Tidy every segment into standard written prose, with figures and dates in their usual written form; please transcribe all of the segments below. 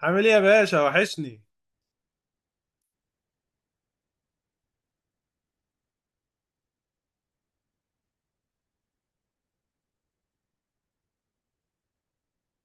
عامل ايه يا باشا؟ وحشني.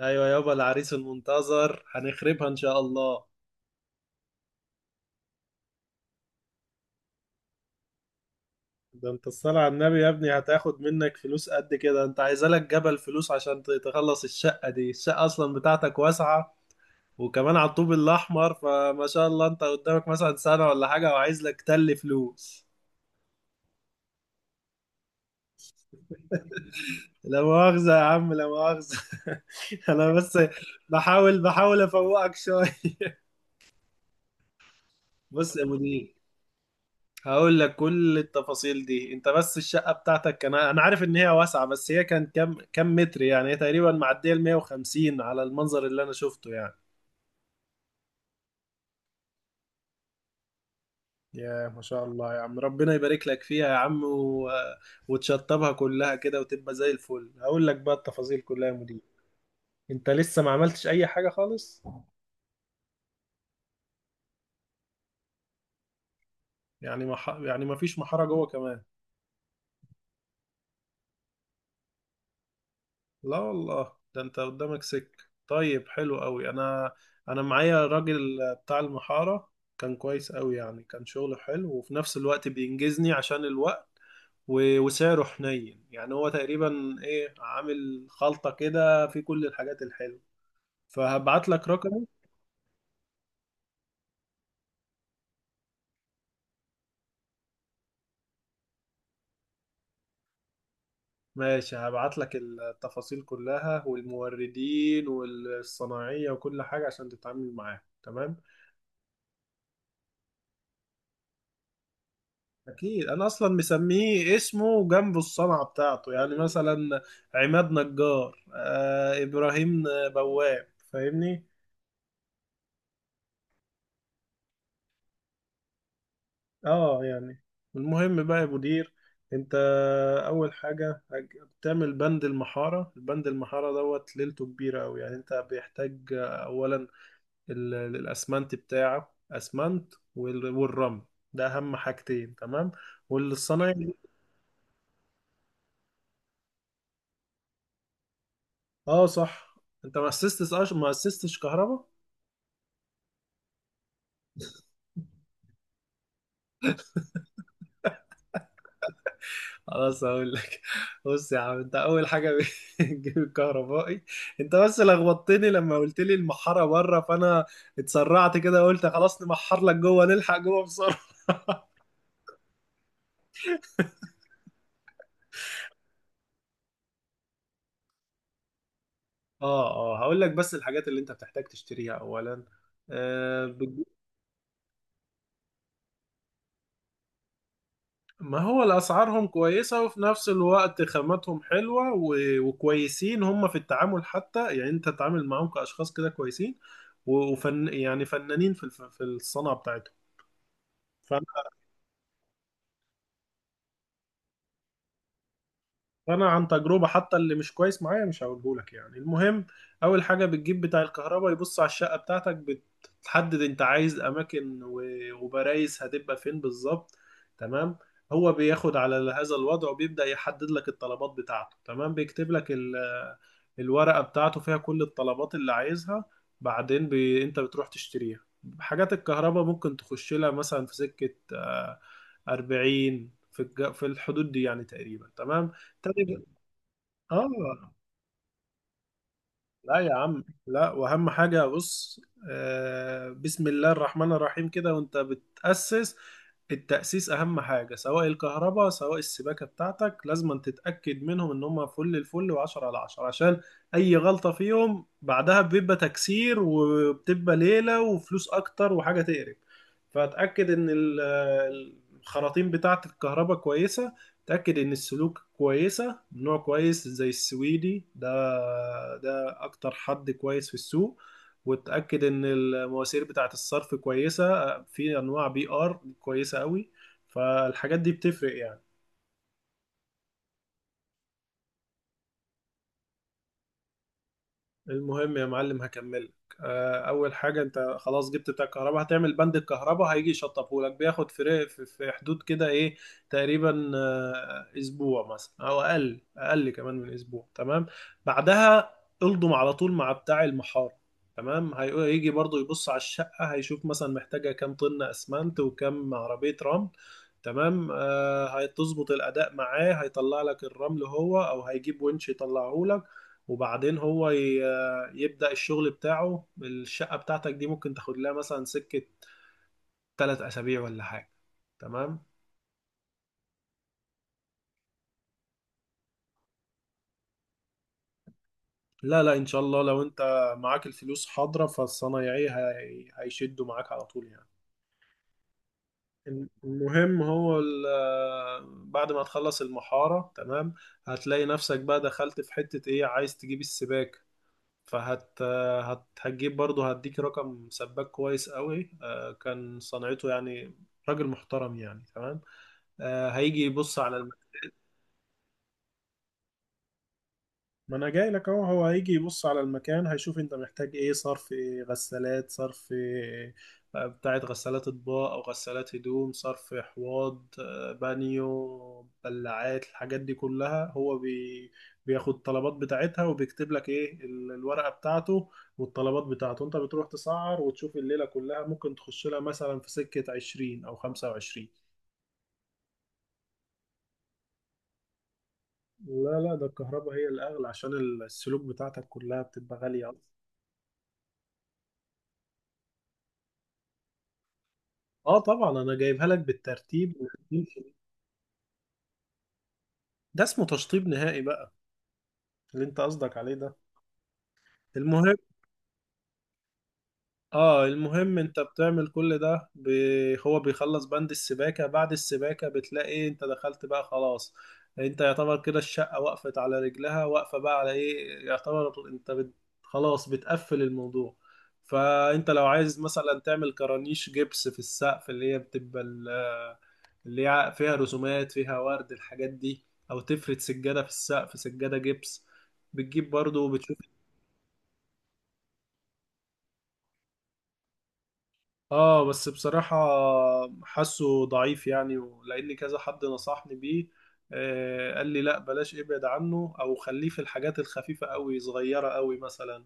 ايوه يابا، العريس المنتظر هنخربها ان شاء الله. ده انت الصلاة على النبي يا ابني هتاخد منك فلوس قد كده؟ انت عايزة لك جبل فلوس عشان تخلص الشقة دي. الشقة اصلا بتاعتك واسعة، وكمان على الطوب الاحمر، فما شاء الله، انت قدامك مثلا سنة ولا حاجة، وعايز لك تل فلوس. لا مؤاخذة يا عم، لا مؤاخذة. انا بس بحاول افوقك شوية. بص يا مدير، هقول لك كل التفاصيل دي. انت بس الشقة بتاعتك، كان انا عارف ان هي واسعة، بس هي كان كام متر يعني؟ هي تقريبا معدية ال 150 على المنظر اللي انا شفته يعني. يا ما شاء الله يا عم، ربنا يبارك لك فيها يا عم، وتشطبها كلها كده وتبقى زي الفل. هقول لك بقى التفاصيل كلها يا مدير. انت لسه ما عملتش اي حاجة خالص؟ يعني ما ح... يعني ما فيش محارة جوه كمان؟ لا والله، ده انت قدامك سك طيب حلو قوي. انا معايا راجل بتاع المحارة، كان كويس قوي يعني، كان شغله حلو وفي نفس الوقت بينجزني عشان الوقت، وسعره حنين يعني. هو تقريبا ايه، عامل خلطة كده في كل الحاجات الحلوة. فهبعت لك رقمه. ماشي، هبعت لك التفاصيل كلها والموردين والصناعية وكل حاجة عشان تتعامل معاه. تمام، اكيد انا اصلا مسميه اسمه جنبه الصنعه بتاعته، يعني مثلا عماد نجار، ابراهيم بواب، فاهمني؟ اه يعني المهم بقى يا مدير، انت اول حاجه بتعمل بند المحاره. البند المحاره دوت ليلته كبيره قوي يعني. انت بيحتاج اولا الاسمنت بتاعه، اسمنت والرمل، ده اهم حاجتين تمام، والصنايعي. اه صح، انت ما اسستش كهرباء؟ خلاص هقول لك. بص يا عم، انت اول حاجه بتجيب الكهربائي. انت بس لخبطتني لما قلت لي المحاره بره، فانا اتسرعت كده قلت خلاص نمحر لك جوه، نلحق جوه بسرعه. اه اه، هقول لك بس الحاجات اللي انت بتحتاج تشتريها اولا. آه بتج- ما هو الاسعارهم كويسه، وفي نفس الوقت خاماتهم حلوه، وكويسين هم في التعامل حتى يعني، انت تتعامل معاهم كاشخاص كده كويسين، وفن يعني فنانين في الصنعه بتاعتهم. انا عن تجربه، حتى اللي مش كويس معايا مش هقوله لك يعني. المهم، اول حاجه بتجيب بتاع الكهرباء يبص على الشقه بتاعتك، بتحدد انت عايز اماكن وبرايز هتبقى فين بالظبط. تمام، هو بياخد على هذا الوضع وبيبدا يحدد لك الطلبات بتاعته. تمام، بيكتب لك الورقه بتاعته فيها كل الطلبات اللي عايزها. بعدين انت بتروح تشتريها. حاجات الكهرباء ممكن تخش لها مثلا في سكه، 40، في الحدود دي يعني تقريبا. تمام، تاني. آه. لا يا عم لا، واهم حاجه بص، بسم الله الرحمن الرحيم كده وانت بتاسس. التاسيس اهم حاجه، سواء الكهرباء سواء السباكه بتاعتك، لازم تتاكد منهم ان هم فل الفل، و10 على 10، عشان اي غلطه فيهم بعدها بيبقى تكسير وبتبقى ليله وفلوس اكتر وحاجه تقرف. فاتاكد ان الخراطيم بتاعه الكهرباء كويسه، اتاكد ان السلوك كويسه نوع كويس زي السويدي ده، اكتر حد كويس في السوق. وتأكد ان المواسير بتاعة الصرف كويسة، في انواع بي ار كويسة قوي، فالحاجات دي بتفرق يعني. المهم يا معلم، هكملك. اول حاجه انت خلاص جبت بتاع الكهرباء، هتعمل بند الكهرباء. هيجي يشطبهولك بياخد فرق في حدود كده ايه، تقريبا اسبوع مثلا، او اقل، اقل كمان من اسبوع. تمام، بعدها الضم على طول مع بتاع المحار. تمام، هيجي برضو يبص على الشقه، هيشوف مثلا محتاجه كام طن اسمنت وكام عربيه رمل. تمام، هتظبط الاداء معاه، هيطلع لك الرمل هو، او هيجيب ونش يطلعه لك. وبعدين هو يبدأ الشغل بتاعه. الشقة بتاعتك دي ممكن تاخد لها مثلا سكة 3 أسابيع ولا حاجة. تمام، لا لا إن شاء الله، لو أنت معاك الفلوس حاضرة، فالصنايعي هيشدوا معاك على طول يعني. المهم، بعد ما تخلص المحارة تمام، هتلاقي نفسك بقى دخلت في حتة ايه، عايز تجيب السباك. فهت هت هتجيب برضه، هديك رقم سباك كويس قوي. كان صنعته يعني راجل محترم يعني. تمام، هيجي يبص على، ما انا جاي لك اهو. هو هيجي يبص على المكان، هيشوف انت محتاج ايه، صرف إيه، غسالات، صرف إيه، بتاعت غسالات اطباق او غسالات هدوم، صرف حواض، بانيو، بلعات، الحاجات دي كلها هو بياخد الطلبات بتاعتها، وبيكتب لك ايه الورقة بتاعته والطلبات بتاعته. انت بتروح تسعر، وتشوف الليلة كلها ممكن تخش لها مثلا في سكة 20 او 25. لا لا، ده الكهرباء هي الاغلى، عشان السلوك بتاعتك كلها بتبقى غالية. اه طبعا، انا جايبها لك بالترتيب. ده اسمه تشطيب نهائي بقى، اللي انت قصدك عليه ده. المهم، اه المهم انت بتعمل كل ده هو بيخلص بند السباكة. بعد السباكة بتلاقي انت دخلت بقى خلاص. انت يعتبر كده الشقة وقفت على رجلها، واقفة بقى على ايه، يعتبر انت خلاص بتقفل الموضوع. فانت لو عايز مثلا تعمل كرانيش جبس في السقف، اللي هي بتبقى اللي فيها رسومات، فيها ورد، الحاجات دي، او تفرد سجادة في السقف، سجادة جبس، بتجيب برضو وبتشوف. اه بس بصراحة حاسه ضعيف يعني، لان كذا حد نصحني بيه، قال لي لا بلاش، ابعد عنه او خليه في الحاجات الخفيفة قوي، صغيرة قوي، مثلا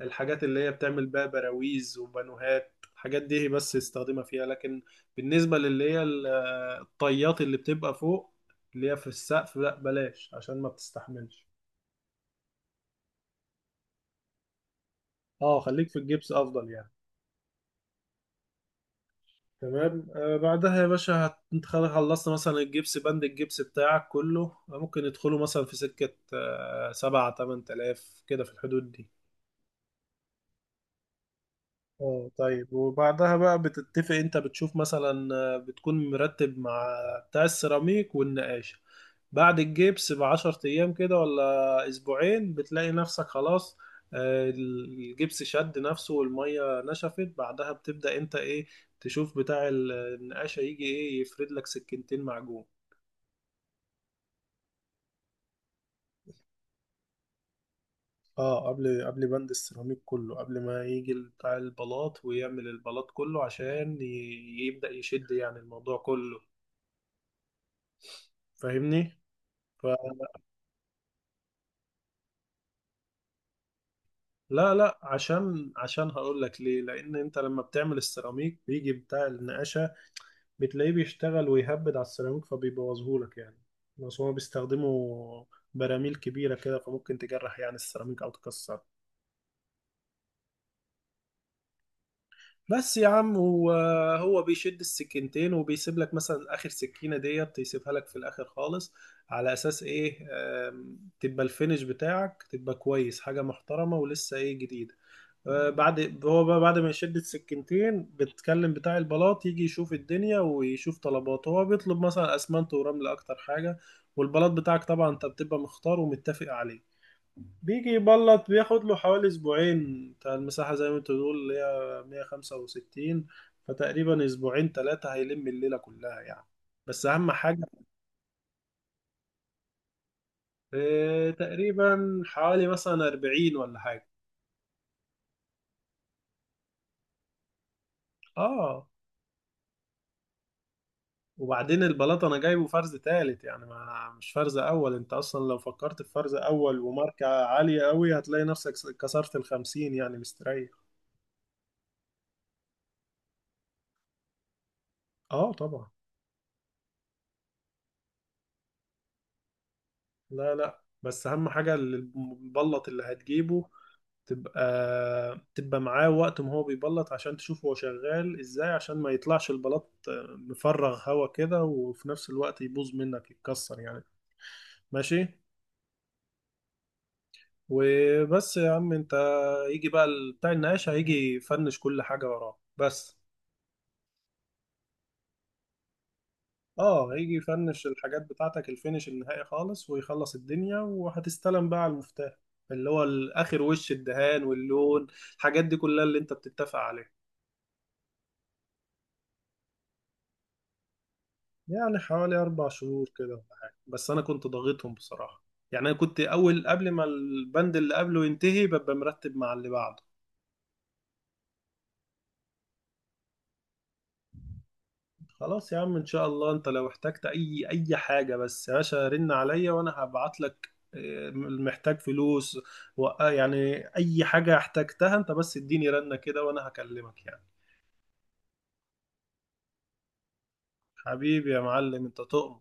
الحاجات اللي هي بتعمل بقى براويز وبانوهات، الحاجات دي بس يستخدمها فيها. لكن بالنسبة للي هي الطيات اللي بتبقى فوق، اللي هي في السقف، لا بلاش، عشان ما بتستحملش. اه خليك في الجبس افضل يعني. تمام، بعدها يا باشا انت خلاص خلصت مثلا الجبس، بند الجبس بتاعك كله ممكن يدخلوا مثلا في سكة سبعة تمن تلاف كده، في الحدود دي. اه طيب، وبعدها بقى بتتفق، انت بتشوف مثلا، بتكون مرتب مع بتاع السيراميك والنقاش. بعد الجبس بـ10 أيام كده ولا أسبوعين، بتلاقي نفسك خلاص، الجبس شد نفسه والمية نشفت. بعدها بتبدأ أنت إيه، تشوف بتاع النقاشة. يجي إيه، يفرد لك سكينتين معجون. اه قبل بند السيراميك كله، قبل ما يجي بتاع البلاط ويعمل البلاط كله، عشان يبدأ يشد يعني الموضوع كله، فاهمني؟ ف... لا لا، عشان هقول لك ليه. لان انت لما بتعمل السيراميك، بيجي بتاع النقاشه بتلاقيه بيشتغل ويهبد على السيراميك، فبيبوظهولك يعني. بس هما بيستخدموا براميل كبيرة كده، فممكن تجرح يعني السيراميك أو تكسر. بس يا عم، هو بيشد السكينتين، وبيسيب لك مثلا آخر سكينة ديت يسيبها لك في الآخر خالص، على أساس إيه، تبقى الفينش بتاعك تبقى كويس، حاجة محترمة ولسه إيه، جديدة. بعد هو بقى بعد ما يشد السكينتين، بتكلم بتاع البلاط يجي يشوف الدنيا ويشوف طلباته. هو بيطلب مثلا اسمنت ورمل اكتر حاجة. والبلاط بتاعك طبعا انت بتبقى مختار ومتفق عليه. بيجي يبلط، بياخد له حوالي اسبوعين. بتاع المساحة زي ما انت بتقول اللي هي 165، فتقريبا اسبوعين ثلاثة هيلم الليلة كلها يعني، بس اهم حاجة. تقريبا حوالي مثلا 40 ولا حاجة. اه، وبعدين البلاط انا جايبه فرز تالت، يعني ما مش فرز اول. انت اصلا لو فكرت في فرز اول وماركة عالية قوي، هتلاقي نفسك كسرت الخمسين يعني مستريح. اه طبعا. لا لا، بس اهم حاجة البلط اللي هتجيبه، تبقى معاه وقت ما هو بيبلط، عشان تشوف هو شغال ازاي، عشان ما يطلعش البلاط مفرغ هوا كده، وفي نفس الوقت يبوظ منك يتكسر يعني. ماشي، وبس يا عم انت، يجي بقى بتاع النقاش، هيجي يفنش كل حاجة وراه بس. اه هيجي يفنش الحاجات بتاعتك الفينش النهائي خالص، ويخلص الدنيا وهتستلم بقى على المفتاح، اللي هو الاخر وش الدهان واللون، الحاجات دي كلها اللي انت بتتفق عليها. يعني حوالي 4 شهور كده ولا حاجة، بس انا كنت ضاغطهم بصراحة. يعني انا كنت اول قبل ما البند اللي قبله ينتهي، ببقى مرتب مع اللي بعده. خلاص يا عم ان شاء الله، انت لو احتجت اي حاجه بس يا باشا، رن عليا وانا هبعت لك. محتاج فلوس، و يعني اي حاجه احتجتها انت، بس اديني رنه كده وانا هكلمك يعني. حبيبي يا معلم، انت تؤمن.